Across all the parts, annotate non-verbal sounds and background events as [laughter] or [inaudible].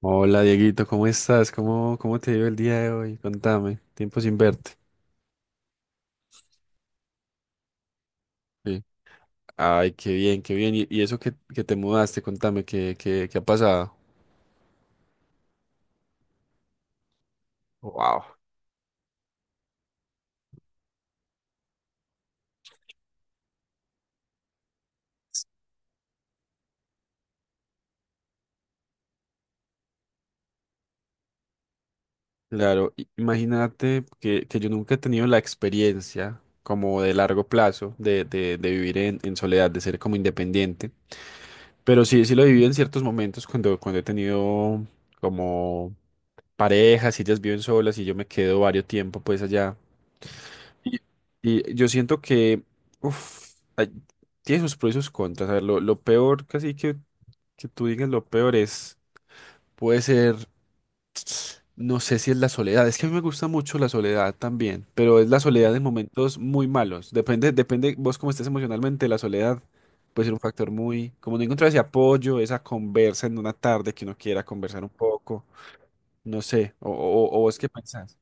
Hola Dieguito, ¿cómo estás? ¿¿Cómo te dio el día de hoy? Contame, tiempo sin verte. Sí. Ay, qué bien, qué bien. Y eso que te mudaste, contame, ¿qué ha pasado? Wow. Claro, imagínate que yo nunca he tenido la experiencia como de largo plazo de vivir en soledad, de ser como independiente. Pero sí, sí lo he vivido en ciertos momentos cuando he tenido como parejas, y ellas viven solas y yo me quedo varios tiempo pues allá. Y, y yo siento que uf, tiene sus pros y sus contras. A ver, lo peor, casi que tú digas lo peor es, puede ser, no sé si es la soledad. Es que a mí me gusta mucho la soledad también, pero es la soledad en momentos muy malos. Depende, depende vos cómo estés emocionalmente, la soledad puede ser un factor muy, como no encontrar ese apoyo, esa conversa en una tarde que uno quiera conversar un poco, no sé, o vos qué pensás.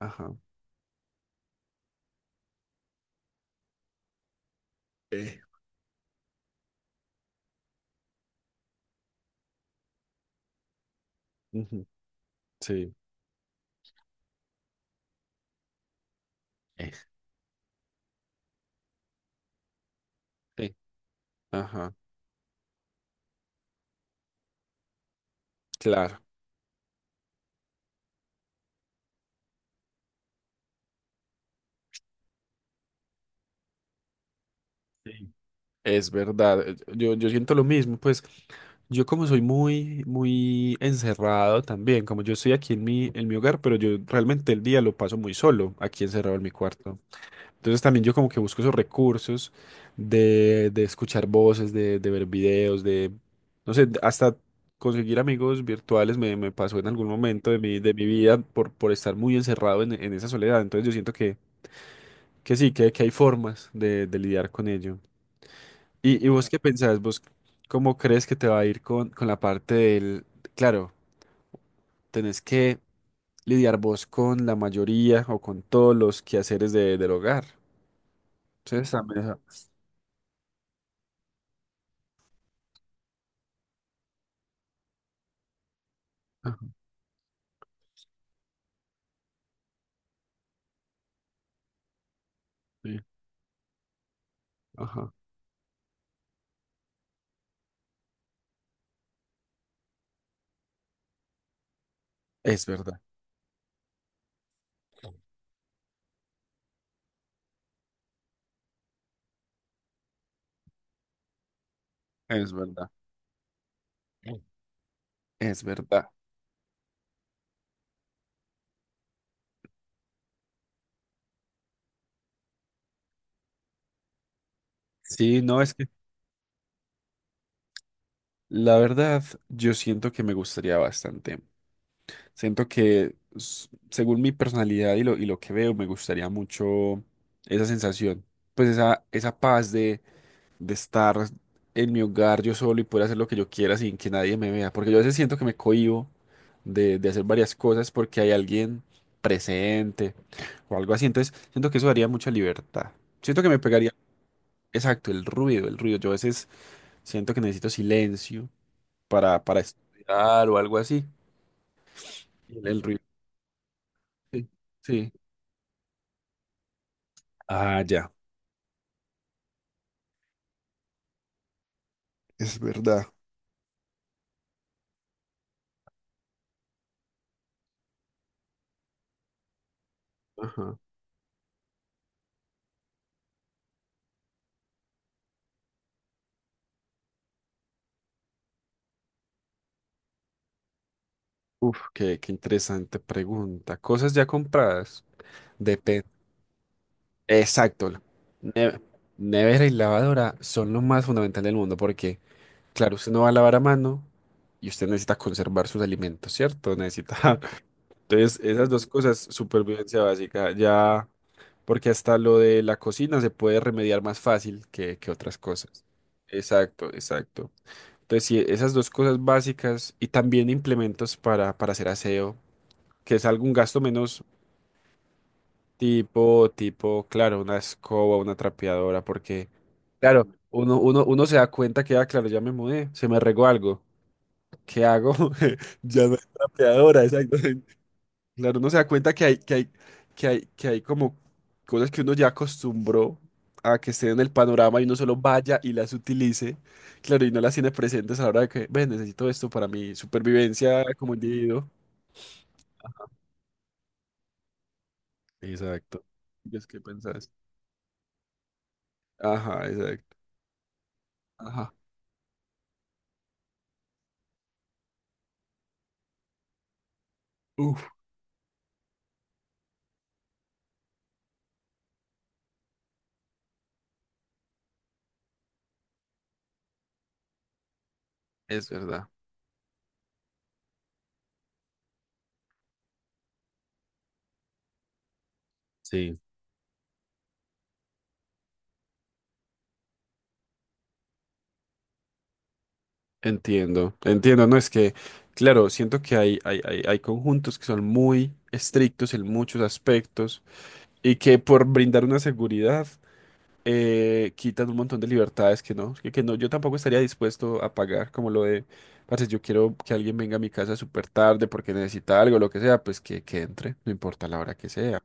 Ajá. Eh, ujú, sí. Eh. Sí. Ajá. Claro. Sí. Es verdad, yo, yo siento lo mismo, pues yo como soy muy, muy encerrado también, como yo estoy aquí en mi hogar, pero yo realmente el día lo paso muy solo, aquí encerrado en mi cuarto. Entonces también yo como que busco esos recursos de escuchar voces, de ver videos, de, no sé, hasta conseguir amigos virtuales me, me pasó en algún momento de mi vida por estar muy encerrado en esa soledad. Entonces yo siento que sí, que hay formas de lidiar con ello. Y vos qué pensás? ¿Vos cómo crees que te va a ir con la parte del... Claro, tenés que lidiar vos con la mayoría o con todos los quehaceres de, del hogar. Entonces también... Ajá, sí, ajá. Es verdad, es verdad, es verdad. Sí, no, es que la verdad yo siento que me gustaría bastante. Siento que según mi personalidad y lo que veo, me gustaría mucho esa sensación, pues esa paz de estar en mi hogar yo solo y poder hacer lo que yo quiera sin que nadie me vea. Porque yo a veces siento que me cohíbo de hacer varias cosas porque hay alguien presente o algo así. Entonces siento que eso daría mucha libertad. Siento que me pegaría, exacto, el ruido, el ruido. Yo a veces siento que necesito silencio para estudiar o algo así. El ruido. Sí. Sí. Ah, ya. Es verdad. Ajá. Uf, qué interesante pregunta. Cosas ya compradas. Depende. Exacto. Ne- Nevera y lavadora son lo más fundamental del mundo porque, claro, usted no va a lavar a mano y usted necesita conservar sus alimentos, ¿cierto? Necesita. [laughs] Entonces, esas dos cosas, supervivencia básica, ya, porque hasta lo de la cocina se puede remediar más fácil que otras cosas. Exacto, exacto. Entonces, sí, esas dos cosas básicas y también implementos para hacer aseo, que es algún gasto menos. Tipo, tipo, claro, una escoba, una trapeadora, porque, claro, uno se da cuenta que, ah, claro, ya me mudé, se me regó algo. ¿Qué hago? [laughs] Ya no hay trapeadora, exactamente. [laughs] Claro, uno se da cuenta que hay, que hay como cosas que uno ya acostumbró a que estén en el panorama y uno solo vaya y las utilice. Claro, y no las tiene presentes a la hora de que, ven, necesito esto para mi supervivencia como individuo. Exacto. ¿Y es que pensás? Ajá, exacto. Ajá. Uf. Es verdad. Sí, entiendo, entiendo, no es que, claro, siento que hay, hay conjuntos que son muy estrictos en muchos aspectos y que por brindar una seguridad quitan un montón de libertades que no, yo tampoco estaría dispuesto a pagar como lo de, parce, yo quiero que alguien venga a mi casa súper tarde porque necesita algo, lo que sea, pues que entre, no importa la hora que sea,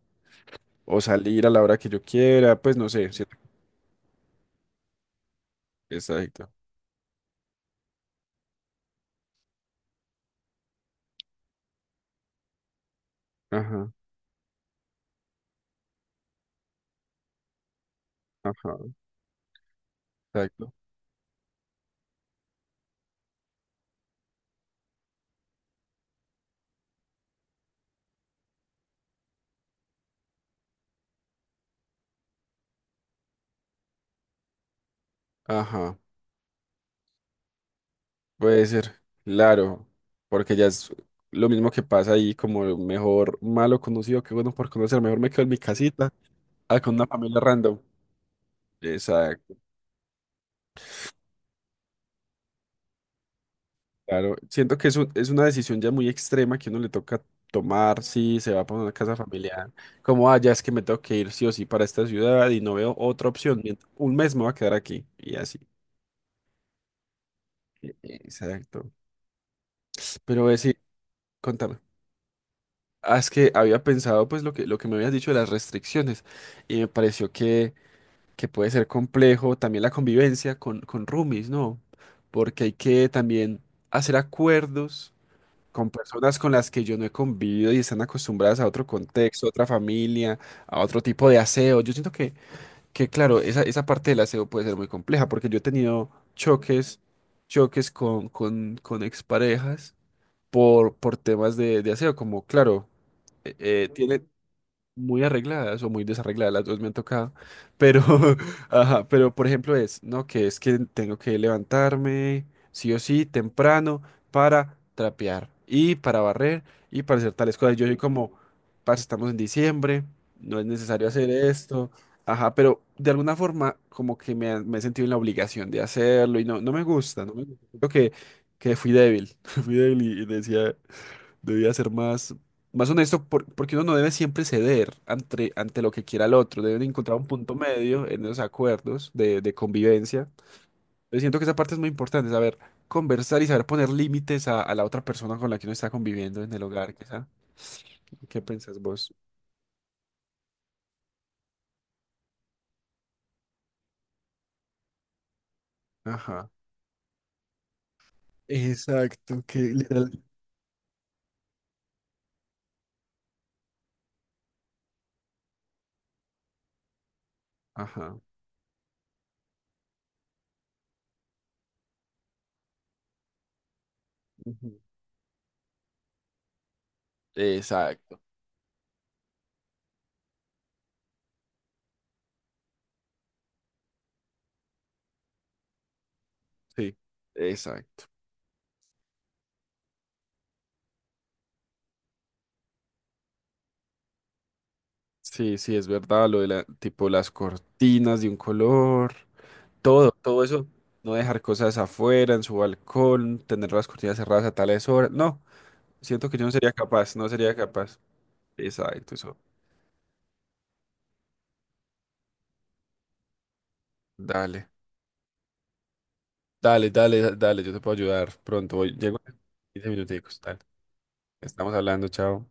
o salir a la hora que yo quiera, pues no sé, exacto, ajá, ajá, exacto, ajá. Puede ser, claro, porque ya es lo mismo que pasa ahí, como mejor malo conocido que bueno por conocer, mejor me quedo en mi casita, ah, con una familia random. Exacto, claro. Siento que es, es una decisión ya muy extrema que uno le toca tomar si se va para una casa familiar, como, ah, ya es que me tengo que ir sí o sí para esta ciudad y no veo otra opción, un mes me voy a quedar aquí y así. Exacto. Pero sí, contame. Ah, es que había pensado pues lo que me habías dicho de las restricciones y me pareció que puede ser complejo también la convivencia con roomies, ¿no? Porque hay que también hacer acuerdos con personas con las que yo no he convivido y están acostumbradas a otro contexto, a otra familia, a otro tipo de aseo. Yo siento que claro, esa parte del aseo puede ser muy compleja porque yo he tenido choques, choques con exparejas por temas de aseo, como claro, eh, eh, tiene- muy arregladas o muy desarregladas, las dos me han tocado, pero, [laughs] ajá, pero por ejemplo es, ¿no? Que es que tengo que levantarme sí o sí temprano para trapear y para barrer y para hacer tales cosas. Yo soy como, parce, estamos en diciembre, no es necesario hacer esto, ajá, pero de alguna forma como que me, me he sentido en la obligación de hacerlo y no, no me gusta, no me gusta. Creo que fui débil, [laughs] fui débil y decía... Debía ser más, más honesto porque uno no debe siempre ceder ante, ante lo que quiera el otro. Deben encontrar un punto medio en esos acuerdos de convivencia. Yo siento que esa parte es muy importante, saber conversar y saber poner límites a la otra persona con la que uno está conviviendo en el hogar, quizá. ¿Qué pensás vos? Ajá, exacto, que literal. Ajá. Ujú. Exacto, sí, exacto. Sí, sí, es verdad, lo de la, tipo las cortinas de un color. Todo, todo eso, no dejar cosas afuera, en su balcón, tener las cortinas cerradas a tales horas. No, siento que yo no sería capaz, no sería capaz. Exacto, eso. Dale, dale, dale, dale, yo te puedo ayudar pronto. Voy, llego en 15 minuticos, dale. Estamos hablando, chao.